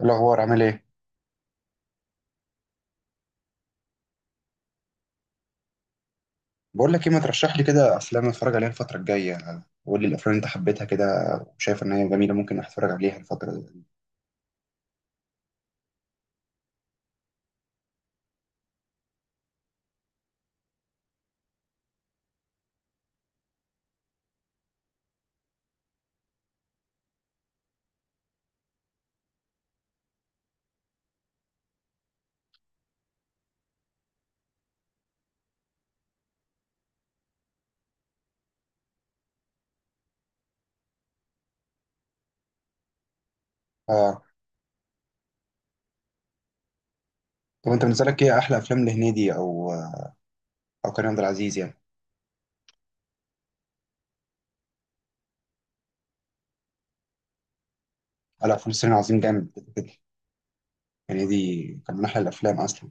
إيه الاخبار، عامل ايه؟ بقول لك ايه، ما ترشح لي كده افلام اتفرج عليها الفتره الجايه. قول لي الافلام اللي انت حبيتها كده، وشايف ان هي جميله ممكن اتفرج عليها الفتره دي. اه. طب انت بالنسبه لك ايه احلى افلام لهنيدي او كريم عبد العزيز يعني؟ على فيلم سيرين عظيم جامد كده كده. هنيدي كان من احلى الافلام اصلا.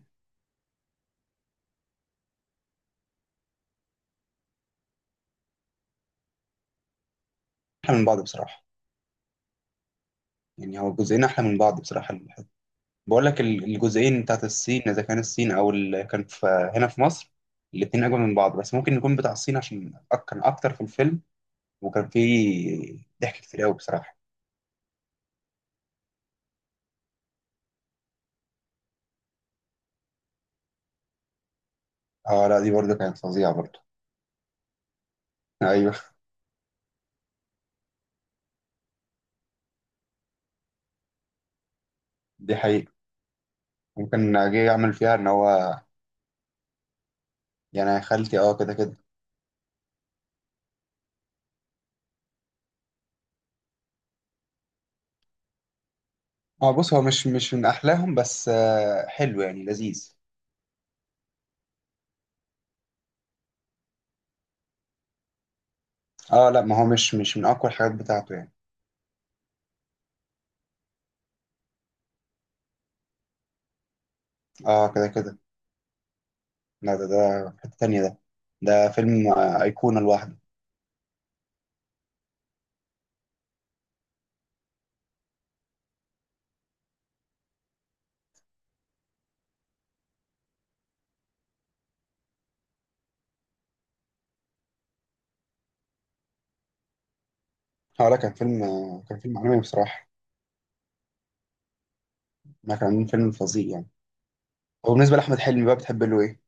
احلى من بعض بصراحه. يعني هو الجزئين احلى من بعض بصراحه. بقول لك الجزئين بتاعت الصين، اذا كان الصين او اللي كان في هنا في مصر. الاتنين اجمل من بعض، بس ممكن يكون بتاع الصين عشان كان اكتر في الفيلم. وكان في ضحك كتير قوي بصراحة. اه، لا دي برضه كانت فظيعة برضه. ايوه. دي حقيقة. ممكن جه يعمل فيها ان هو. يعني يا خالتي اه كده كده. اه، بص هو مش من احلاهم، بس حلو يعني لذيذ. اه، لا ما هو مش من اقوى الحاجات بتاعته يعني. اه كده كده. لا ده في حتة تانية ده. ده فيلم أيقونة لوحده. اه، لا كان فيلم عالمي بصراحة. ما كان فيلم فظيع يعني. وبالنسبة لأحمد حلمي بقى بتحب له ايه؟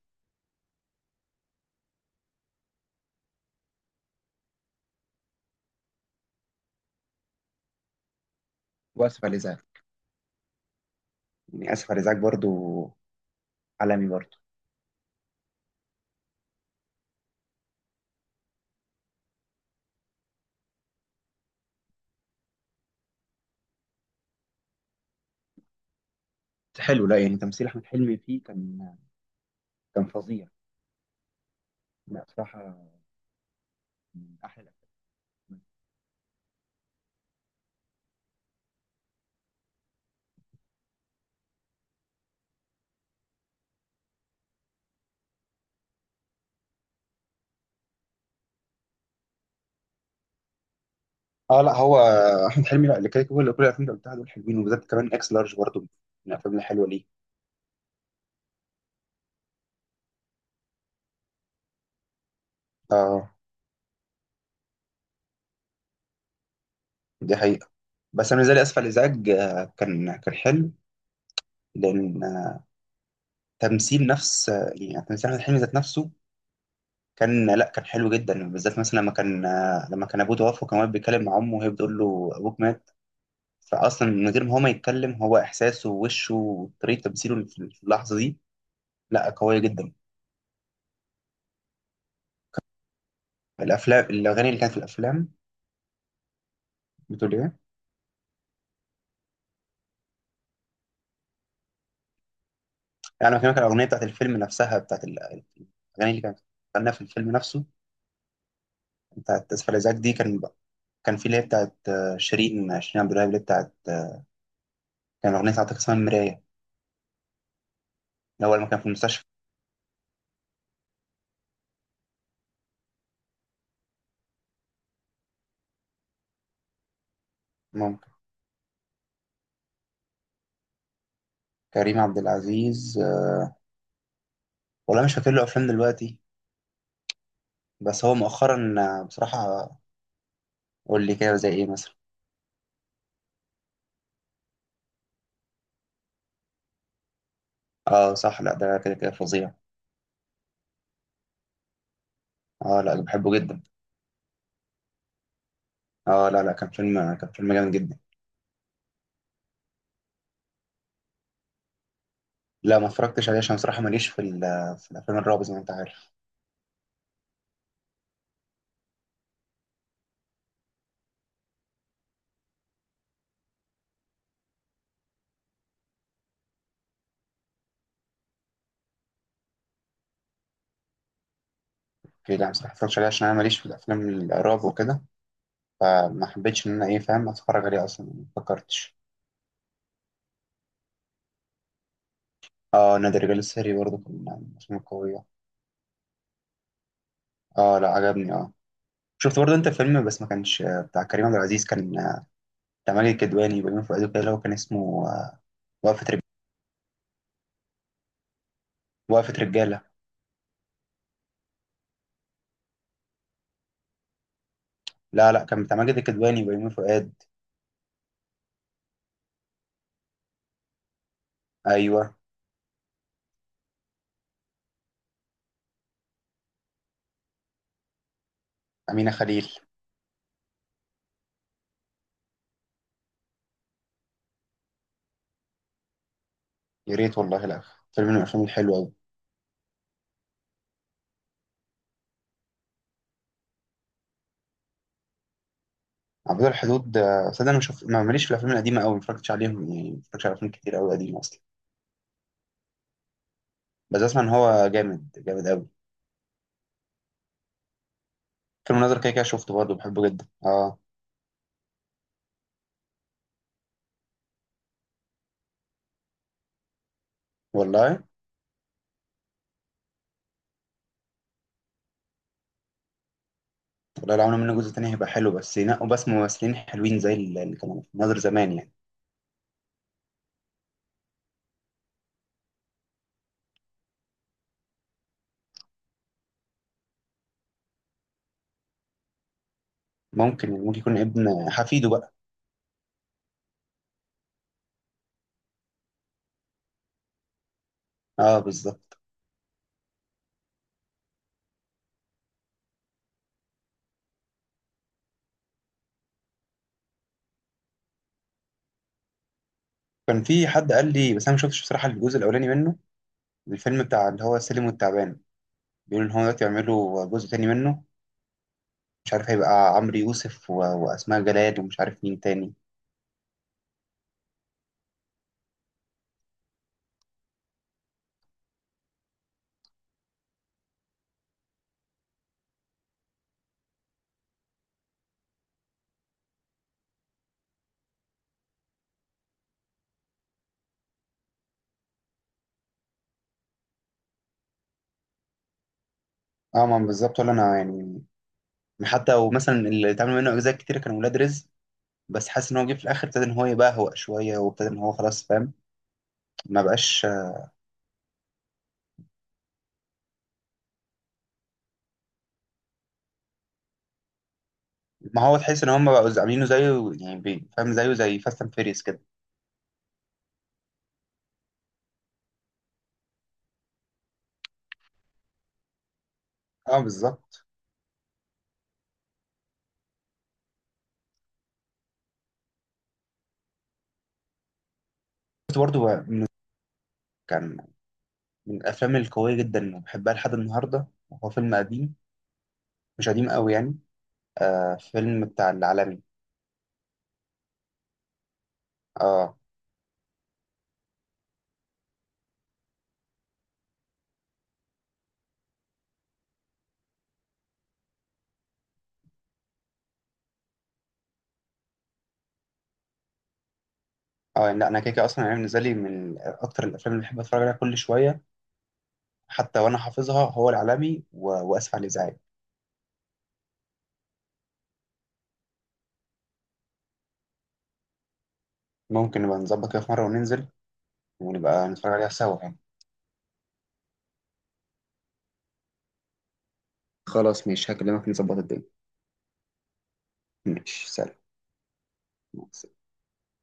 واسف على الازعاج. يعني اسف على الازعاج برضه. عالمي برضه. حلو. لا يعني تمثيل احمد حلمي فيه كان فظيع. لا بصراحه، من احلى الافلام. اه، لا هو احمد حلمي، لا اللي كده كل الافلام اللي قلتها دول حلوين، وبالذات كمان اكس لارج برضه من الافلام الحلوه ليه. اه، دي حقيقه. بس انا زي اسف على الازعاج، كان حلو. لان تمثيل نفس يعني تمثيل احمد حلمي ذات نفسه لا، كان حلو جدا، بالذات مثلا لما كان ابوه توفى وكان واقف بيتكلم مع امه وهي بتقول له ابوك مات. فاصلا من غير ما هو ما يتكلم، هو احساسه ووشه وطريقه تمثيله في اللحظه دي. لا، قوية جدا. الأغاني اللي كانت في الأفلام. بتقول إيه؟ يعني بكلمك الأغنية بتاعت الفيلم نفسها، بتاعت الأغاني اللي كانت غناها في الفيلم نفسه. بتاعت آسف على الإزعاج دي، كان. كان في اللي هي بتاعت شيرين عبد الوهاب، اللي هي بتاعت كان أغنية بتاعت اسمها المراية. الأول ما كان في المستشفى. ممكن. كريم عبد العزيز والله مش فاكر له أفلام دلوقتي. بس هو مؤخرا بصراحة قول لي كده، زي إيه مثلا؟ صح. لا ده كده كده فظيع. لا بحبه جدا. لا لا، كان فيلم جامد جدا. لا ما اتفرجتش عليه عشان صراحة ماليش في الأفلام الرعب زي ما أنت عارف. أوكي لا، صراحة ما اتفرجتش عليه عشان أنا ماليش في الأفلام الرعب وكده. فما حبيتش إن أنا، إيه، فاهم أتفرج عليه، أصلا ما فكرتش. نادي الرجال السري برضه كان من الأفلام القوية. لا عجبني آه. شفت برضه أنت فيلم، بس ما كانش بتاع كريم عبد العزيز، كان بتاع ماجد الكدواني وبيومي فؤاد وكده، اللي هو كان اسمه وقفة وقفة رجالة. لا لا، كان بتاع ماجد الكدواني وبيومي فؤاد. أيوه. أمينة خليل. يا ريت والله لا. فيلم من الأفلام الحلوة أوي. عبود الحدود، صدق انا مش ما- ماليش في الافلام القديمه قوي، ما اتفرجتش عليهم، يعني ما اتفرجتش على افلام كتير قوي قديمه اصلا. بس اسمع ان هو جامد جامد قوي. فيلم الناظر كده كده شفته برضه، بحبه جدا اه. والله. والله، لو عملوا منه جزء تاني هيبقى حلو، بس ينقوا بس ممثلين حلوين زي اللي كانوا في الناظر زمان يعني. ممكن يكون ابن حفيده بقى. اه، بالظبط. كان في حد قال لي بس انا ما شفتش بصراحه الجزء الاولاني منه. الفيلم بتاع اللي هو السلم والتعبان. بيقولوا ان هو دلوقتي يعملوا جزء تاني منه. مش عارف، هيبقى عمرو يوسف واسماء جلال، ومش عارف مين تاني. اه، ما بالظبط، ولا انا يعني. حتى ومثلا اللي اتعمل منه اجزاء كتير كانوا ولاد رزق. بس حاسس ان هو جه في الاخر ابتدى ان هو يبهوأ شويه، وابتدى ان هو خلاص فاهم. ما بقاش. ما هو تحس ان هم بقوا عاملينه زيه، يعني فاهم زيه زي فاست اند فيريس كده. اه، بالظبط. كنت برضه. كان من الافلام القويه جدا وبحبها لحد النهارده. هو فيلم قديم، مش قديم قوي يعني. فيلم بتاع العالمي. اه، اه. لا، انا كده كده اصلا، يعني بالنسبه لي من اكتر الافلام اللي بحب اتفرج عليها كل شويه. حتى وانا حافظها، هو العالمي واسف على الازعاج. ممكن نبقى نظبط كده في مره وننزل، ونبقى نتفرج عليها سوا يعني. خلاص ماشي، هكلمك نظبط الدنيا. ماشي، سلام. مع السلامة.